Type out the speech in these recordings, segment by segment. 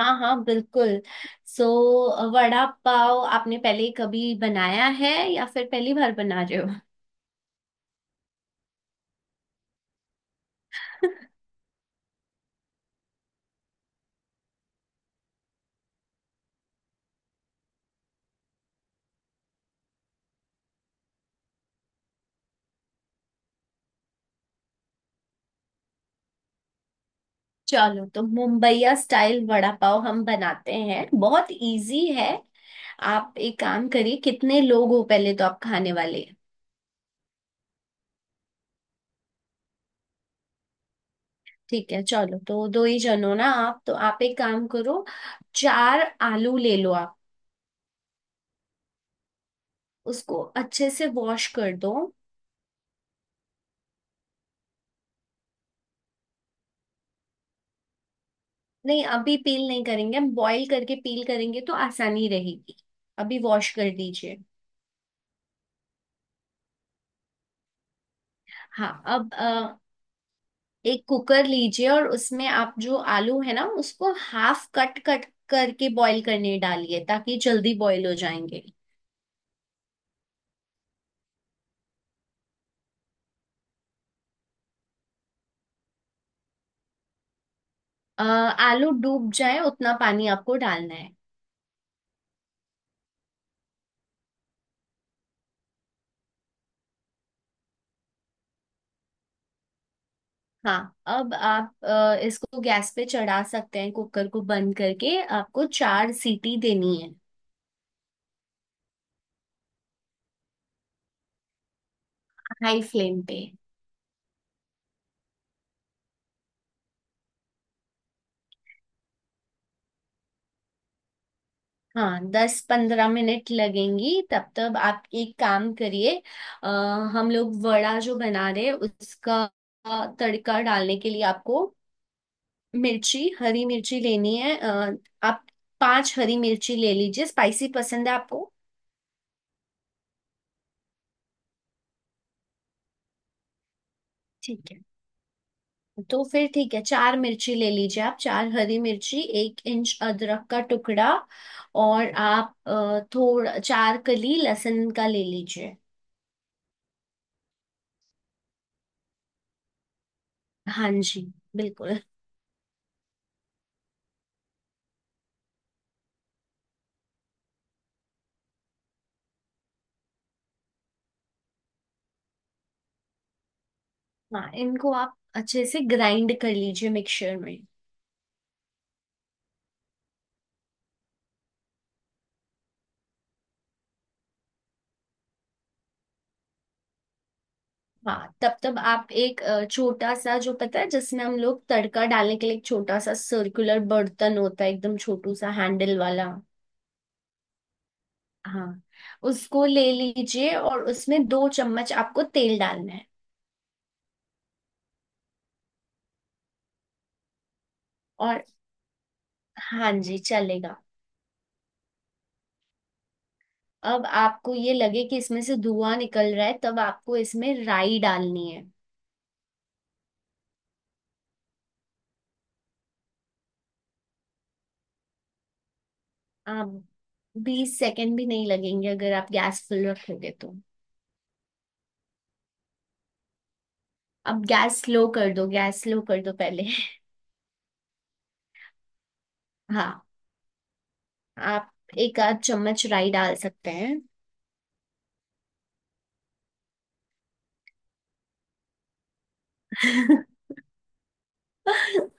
हाँ हाँ बिल्कुल। सो वड़ा पाव आपने पहले कभी बनाया है या फिर पहली बार बना रहे हो? चलो, तो मुंबईया स्टाइल वड़ा पाव हम बनाते हैं। बहुत इजी है। आप एक काम करिए, कितने लोग हो पहले तो आप खाने वाले हैं? ठीक है, चलो तो दो ही जन हो ना आप। तो आप एक काम करो, 4 आलू ले लो आप। उसको अच्छे से वॉश कर दो। नहीं, अभी पील नहीं करेंगे, हम बॉईल करके पील करेंगे तो आसानी रहेगी। अभी वॉश कर दीजिए। हाँ अब एक कुकर लीजिए और उसमें आप जो आलू है ना उसको हाफ कट कट करके बॉईल करने डालिए ताकि जल्दी बॉईल हो जाएंगे। आलू डूब जाए उतना पानी आपको डालना है। हाँ अब आप इसको गैस पे चढ़ा सकते हैं, कुकर को बंद करके आपको 4 सीटी देनी है। हाई फ्लेम पे। हाँ, 10-15 मिनट लगेंगी, तब तक आप एक काम करिए। अ, हम लोग वड़ा जो बना रहे हैं उसका तड़का डालने के लिए आपको मिर्ची, हरी मिर्ची लेनी है। आप 5 हरी मिर्ची ले लीजिए। स्पाइसी पसंद है आपको? ठीक है, तो फिर ठीक है 4 मिर्ची ले लीजिए आप, 4 हरी मिर्ची, 1 इंच अदरक का टुकड़ा, और आप थोड़ा 4 कली लहसुन का ले लीजिए। हाँ जी। बिल्कुल। हाँ, इनको आप अच्छे से ग्राइंड कर लीजिए मिक्सचर में। हाँ तब तब आप एक छोटा सा जो पता है जिसमें हम लोग तड़का डालने के लिए एक छोटा सा सर्कुलर बर्तन होता है, एकदम छोटू सा हैंडल वाला। हाँ, उसको ले लीजिए और उसमें 2 चम्मच आपको तेल डालना है। और, हाँ जी चलेगा। अब आपको ये लगे कि इसमें से धुआं निकल रहा है तब आपको इसमें राई डालनी है। आप 20 सेकेंड भी नहीं लगेंगे अगर आप गैस फुल रखोगे तो। अब गैस स्लो कर दो, गैस स्लो कर दो पहले। हाँ, आप एक आध चम्मच राई डाल सकते हैं।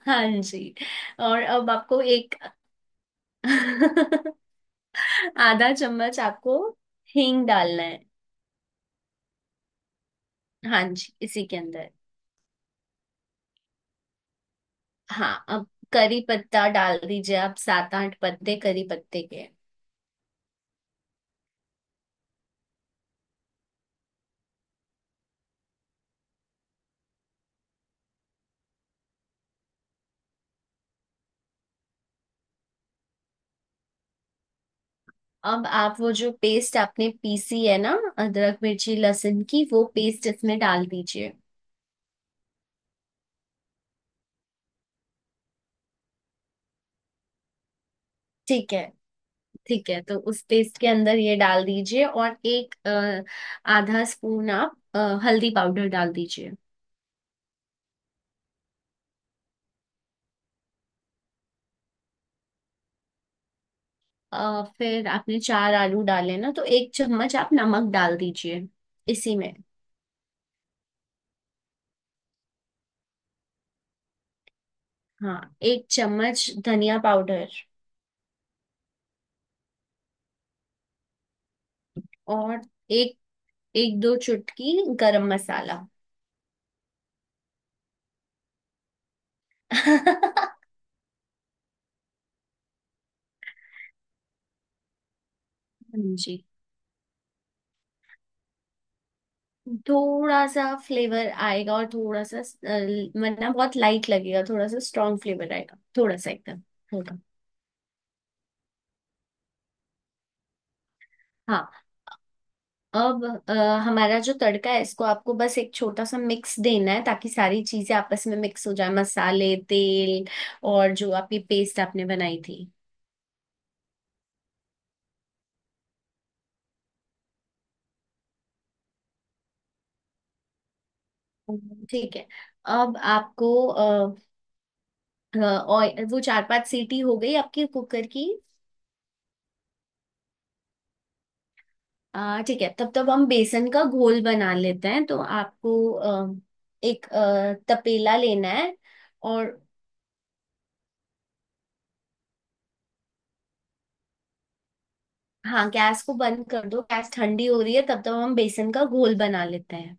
हाँ जी। और अब आपको एक आधा चम्मच आपको हींग डालना है। हाँ जी, इसी के अंदर। हाँ अब करी पत्ता डाल दीजिए आप, 7-8 पत्ते करी पत्ते के। अब आप वो जो पेस्ट आपने पीसी है ना, अदरक मिर्ची लहसुन की, वो पेस्ट इसमें डाल दीजिए। ठीक है, ठीक है तो उस पेस्ट के अंदर ये डाल दीजिए और एक आधा स्पून आप हल्दी पाउडर डाल दीजिए। फिर आपने 4 आलू डाले ना, तो 1 चम्मच आप नमक डाल दीजिए इसी में। हाँ, 1 चम्मच धनिया पाउडर। और एक एक दो चुटकी गरम मसाला। हाँ जी। थोड़ा सा फ्लेवर आएगा और थोड़ा सा वरना बहुत लाइट लगेगा, थोड़ा सा स्ट्रॉन्ग फ्लेवर आएगा, थोड़ा सा एकदम हल्का। हाँ, अब हमारा जो तड़का है इसको आपको बस एक छोटा सा मिक्स देना है ताकि सारी चीजें आपस में मिक्स हो जाए, मसाले तेल और जो आपकी पेस्ट आपने बनाई थी। ठीक है। अब आपको ऑयल, वो 4-5 सीटी हो गई आपकी कुकर की? ठीक है, तब तब हम बेसन का घोल बना लेते हैं, तो आपको एक तपेला लेना है। और, हाँ गैस को बंद कर दो। गैस ठंडी हो रही है, तब तक हम बेसन का घोल बना लेते हैं।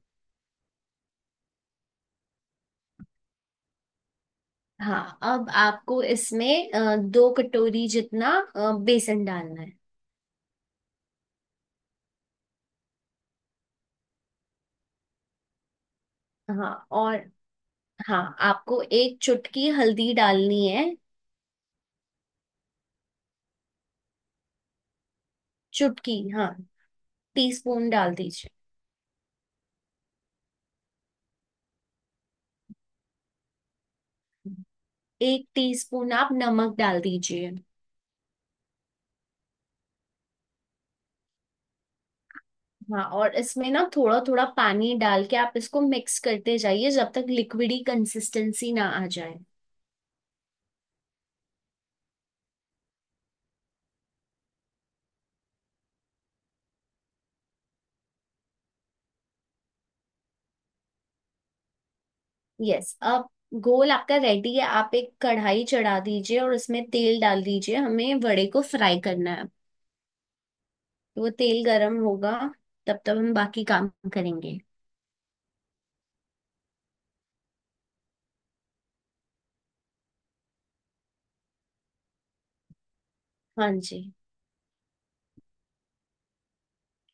हाँ अब आपको इसमें 2 कटोरी जितना बेसन डालना है। हाँ। और, हाँ आपको 1 चुटकी हल्दी डालनी है। चुटकी, हाँ टीस्पून डाल दीजिए। 1 टीस्पून आप नमक डाल दीजिए। हाँ, और इसमें ना थोड़ा थोड़ा पानी डाल के आप इसको मिक्स करते जाइए जब तक लिक्विडी कंसिस्टेंसी ना आ जाए। यस अब गोल आपका रेडी है। आप एक कढ़ाई चढ़ा दीजिए और उसमें तेल डाल दीजिए, हमें वड़े को फ्राई करना है। तो वो तेल गरम होगा तब तब हम बाकी काम करेंगे। हाँ जी।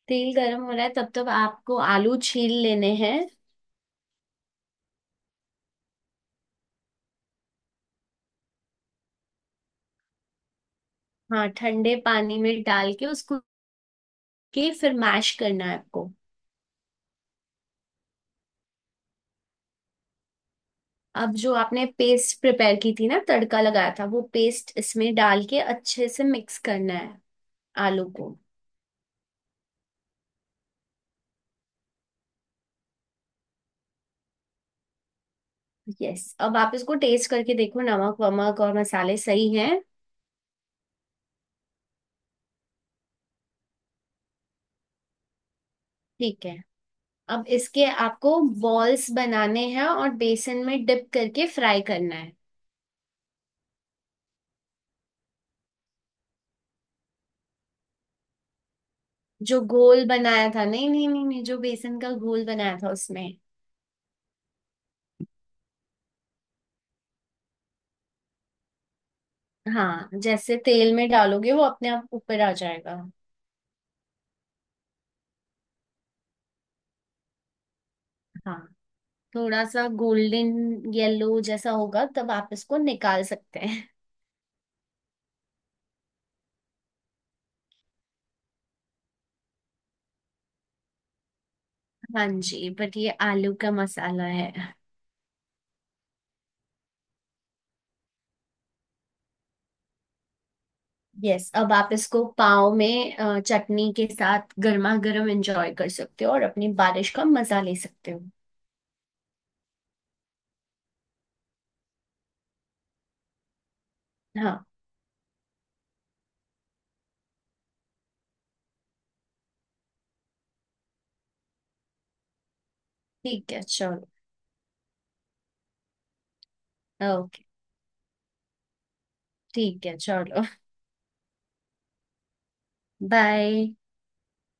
तेल गरम हो रहा है तब तब आपको आलू छील लेने हैं। हाँ ठंडे पानी में डाल के उसको के फिर मैश करना है आपको। अब जो आपने पेस्ट प्रिपेयर की थी ना, तड़का लगाया था, वो पेस्ट इसमें डाल के अच्छे से मिक्स करना है आलू को। यस अब आप इसको टेस्ट करके देखो, नमक वमक और मसाले सही हैं। ठीक है, अब इसके आपको बॉल्स बनाने हैं और बेसन में डिप करके फ्राई करना है। जो घोल बनाया था, नहीं नहीं नहीं नहीं, जो बेसन का घोल बनाया था उसमें। हाँ जैसे तेल में डालोगे वो अपने आप ऊपर आ जाएगा। हाँ थोड़ा सा गोल्डन येलो जैसा होगा तब आप इसको निकाल सकते हैं। हाँ जी, बट ये आलू का मसाला है। यस अब आप इसको पाव में चटनी के साथ गर्मा गर्म एंजॉय कर सकते हो और अपनी बारिश का मजा ले सकते हो। हाँ ठीक है चलो। ओके ठीक है चलो, बाय।